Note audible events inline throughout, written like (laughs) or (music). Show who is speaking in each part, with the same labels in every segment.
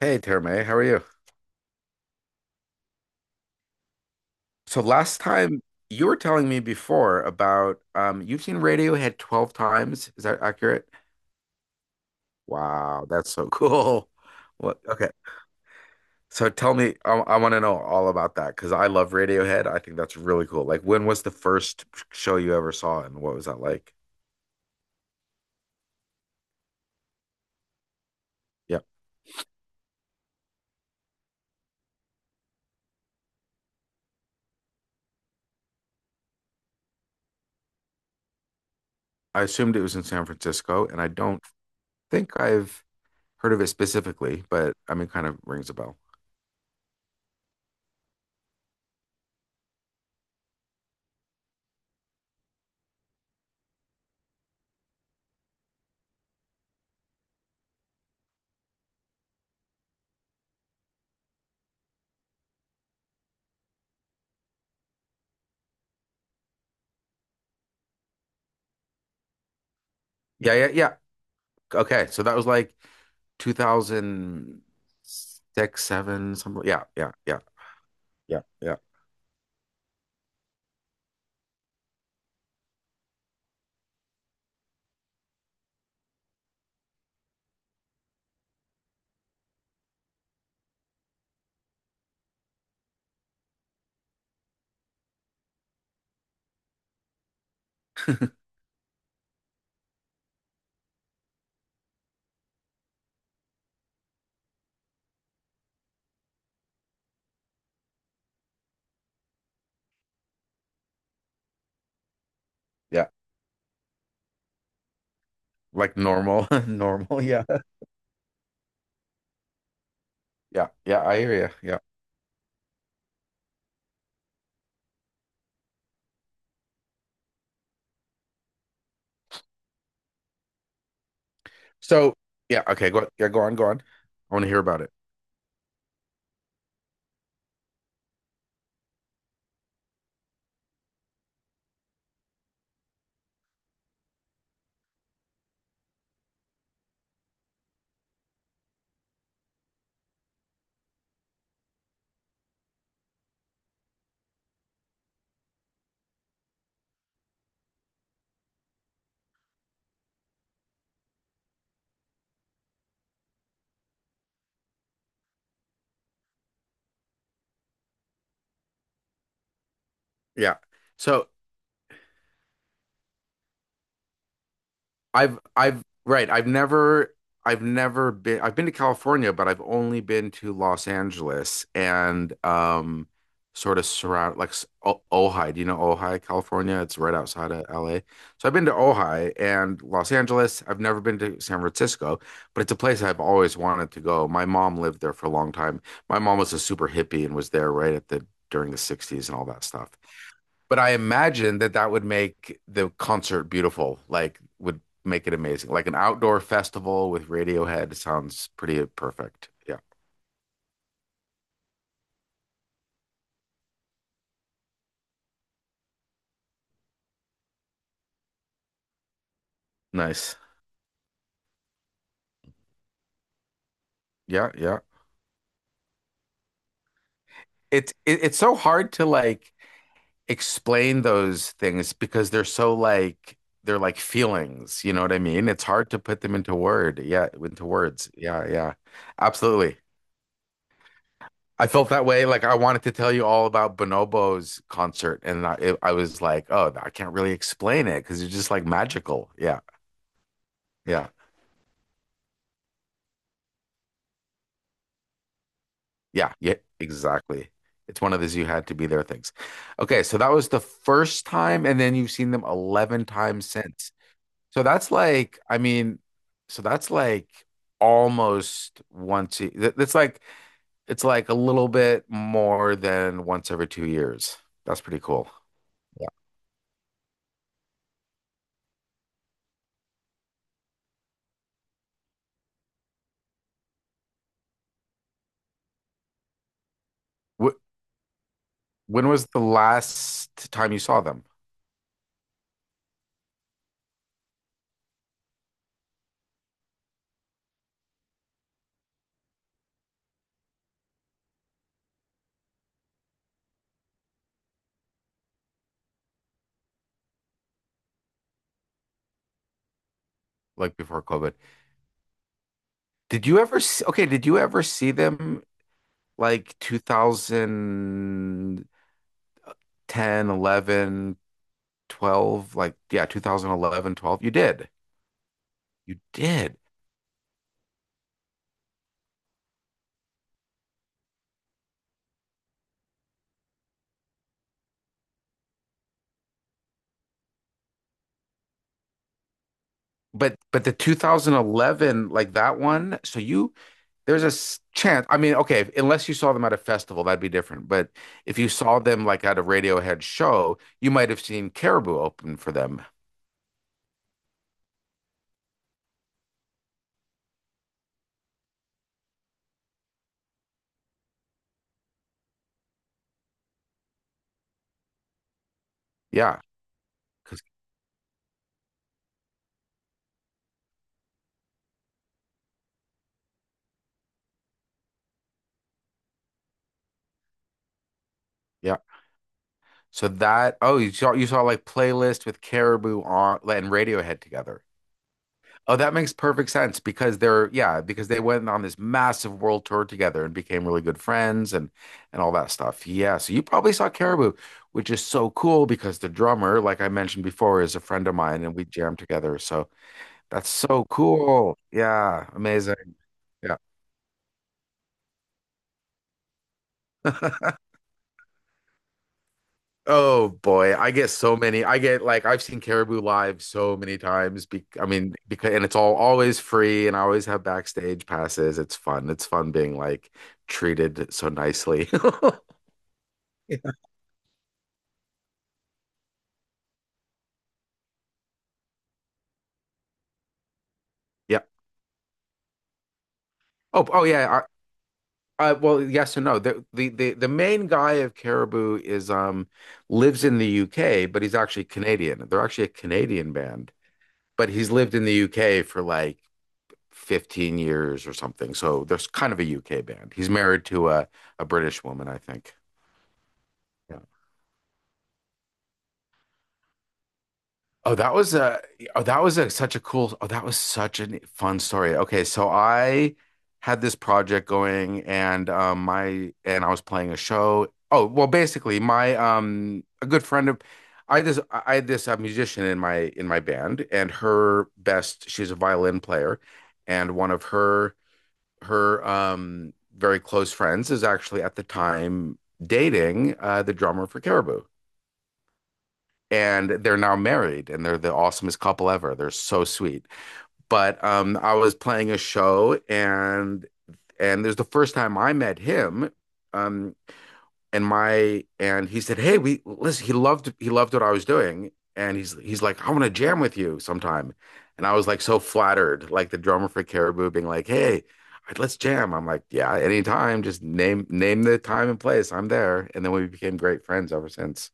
Speaker 1: Hey, Terme, how are you? So last time you were telling me before about you've seen Radiohead 12 times. Is that accurate? Wow, that's so (laughs) cool. What? Okay. So tell me, I want to know all about that because I love Radiohead. I think that's really cool. Like, when was the first show you ever saw and what was that like? Yeah. I assumed it was in San Francisco and I don't think I've heard of it specifically, but I mean, kind of rings a bell. Yeah, yeah, yeah. Okay. So that was like 2006, 7, something. Yeah, yeah, yeah, yeah, yeah, yeah. Like normal, (laughs) normal. Yeah, yeah, yeah. I hear you. Yeah. So, yeah. Okay. Go. Yeah. Go on. Go on. I want to hear about it. Yeah. So, I've right, I've never been. I've been to California, but I've only been to Los Angeles and sort of surround like Ojai. Do you know Ojai, California? It's right outside of LA. So I've been to Ojai and Los Angeles. I've never been to San Francisco, but it's a place I've always wanted to go. My mom lived there for a long time. My mom was a super hippie and was there right at the during the 60s and all that stuff. But I imagine that that would make the concert beautiful, like would make it amazing. Like an outdoor festival with Radiohead sounds pretty perfect. Yeah. Nice. Yeah, yeah. It's so hard to like explain those things because they're so like they're like feelings, you know what I mean? It's hard to put them into word. Yeah, into words. Yeah, yeah. Absolutely. I felt that way. Like I wanted to tell you all about Bonobo's concert, and I was like, oh, I can't really explain it because it's just like magical. Yeah, yeah, yeah, yeah, exactly. It's one of those you had to be there things. Okay, so that was the first time, and then you've seen them 11 times since. So that's like, I mean, so that's like almost once. That's like it's like a little bit more than once every 2 years. That's pretty cool. Yeah. When was the last time you saw them? Like before COVID? Did you ever see, okay, did you ever see them like 2010, 11, 12? Like, yeah, 2011, 12. You did. You did. But the 2011, like that one, so you there's a chance. I mean, okay, unless you saw them at a festival, that'd be different. But if you saw them like at a Radiohead show, you might have seen Caribou open for them. Yeah, because So that oh you saw like playlist with Caribou on and Radiohead together. Oh, that makes perfect sense because they're yeah, because they went on this massive world tour together and became really good friends and all that stuff. Yeah, so you probably saw Caribou, which is so cool because the drummer, like I mentioned before, is a friend of mine and we jammed together. So that's so cool. Yeah, amazing. Yeah. (laughs) Oh boy, I get so many. I get like I've seen Caribou live so many times. Be I mean, because and it's all always free, and I always have backstage passes. It's fun. It's fun being like treated so nicely. (laughs) Yeah. Yeah. Oh, oh yeah. Well, yes and no. The main guy of Caribou is lives in the UK, but he's actually Canadian. They're actually a Canadian band, but he's lived in the UK for like 15 years or something. So there's kind of a UK band. He's married to a British woman, I think. Yeah. Oh, that was a oh, that was a, such a oh, that was such a fun story. Okay, so I had this project going and my and I was playing a show. Oh, well, basically my a good friend of I just I had this musician in my band and her best she's a violin player and one of her very close friends is actually at the time dating the drummer for Caribou. And they're now married and they're the awesomest couple ever. They're so sweet. But I was playing a show and there's the first time I met him. Um, and my and he said, "Hey, we listen." He loved what I was doing, and he's like, "I want to jam with you sometime," and I was like so flattered, like the drummer for Caribou being like, "Hey, let's jam." I'm like, "Yeah, anytime. Just name the time and place. I'm there." And then we became great friends ever since.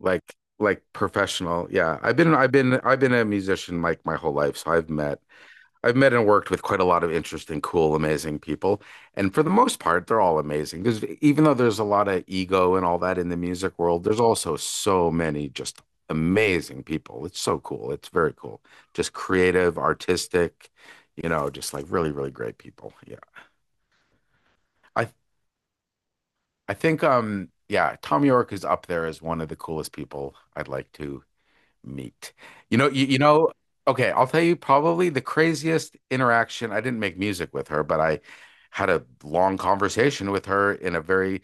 Speaker 1: Like professional, yeah. I've been a musician like my whole life, so I've met and worked with quite a lot of interesting, cool, amazing people. And for the most part, they're all amazing. Because even though there's a lot of ego and all that in the music world, there's also so many just amazing people. It's so cool. It's very cool. Just creative, artistic, you know, just like really, really great people. Yeah. I I think yeah, Tom York is up there as one of the coolest people I'd like to Neat. You know, you know, okay, I'll tell you probably the craziest interaction. I didn't make music with her, but I had a long conversation with her in a very,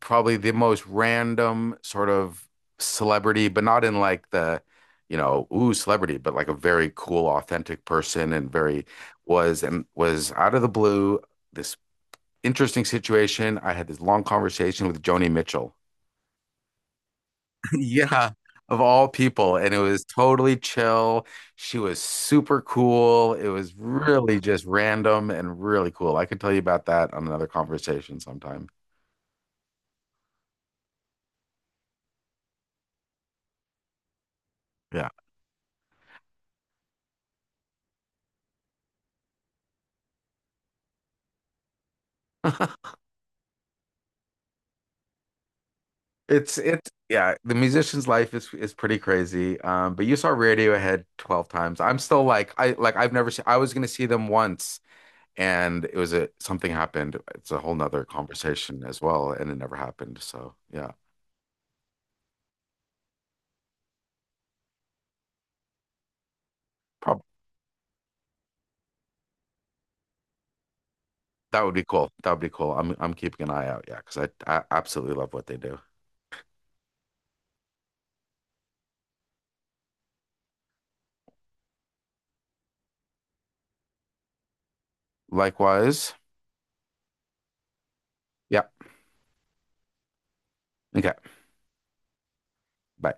Speaker 1: probably the most random sort of celebrity, but not in like the, you know, ooh, celebrity, but like a very cool, authentic person and very was out of the blue, this interesting situation. I had this long conversation with Joni Mitchell. (laughs) Yeah, of all people. And it was totally chill. She was super cool. It was really just random and really cool. I can tell you about that on another conversation sometime. Yeah. (laughs) It's yeah, the musician's life is pretty crazy. But you saw Radiohead 12 times. I'm still like I've never seen I was gonna see them once and it was a something happened. It's a whole nother conversation as well, and it never happened. So yeah. Probably That would be cool. That would be cool. I'm keeping an eye out. Yeah, because I absolutely love what they do. Likewise. Yeah. Okay. Bye.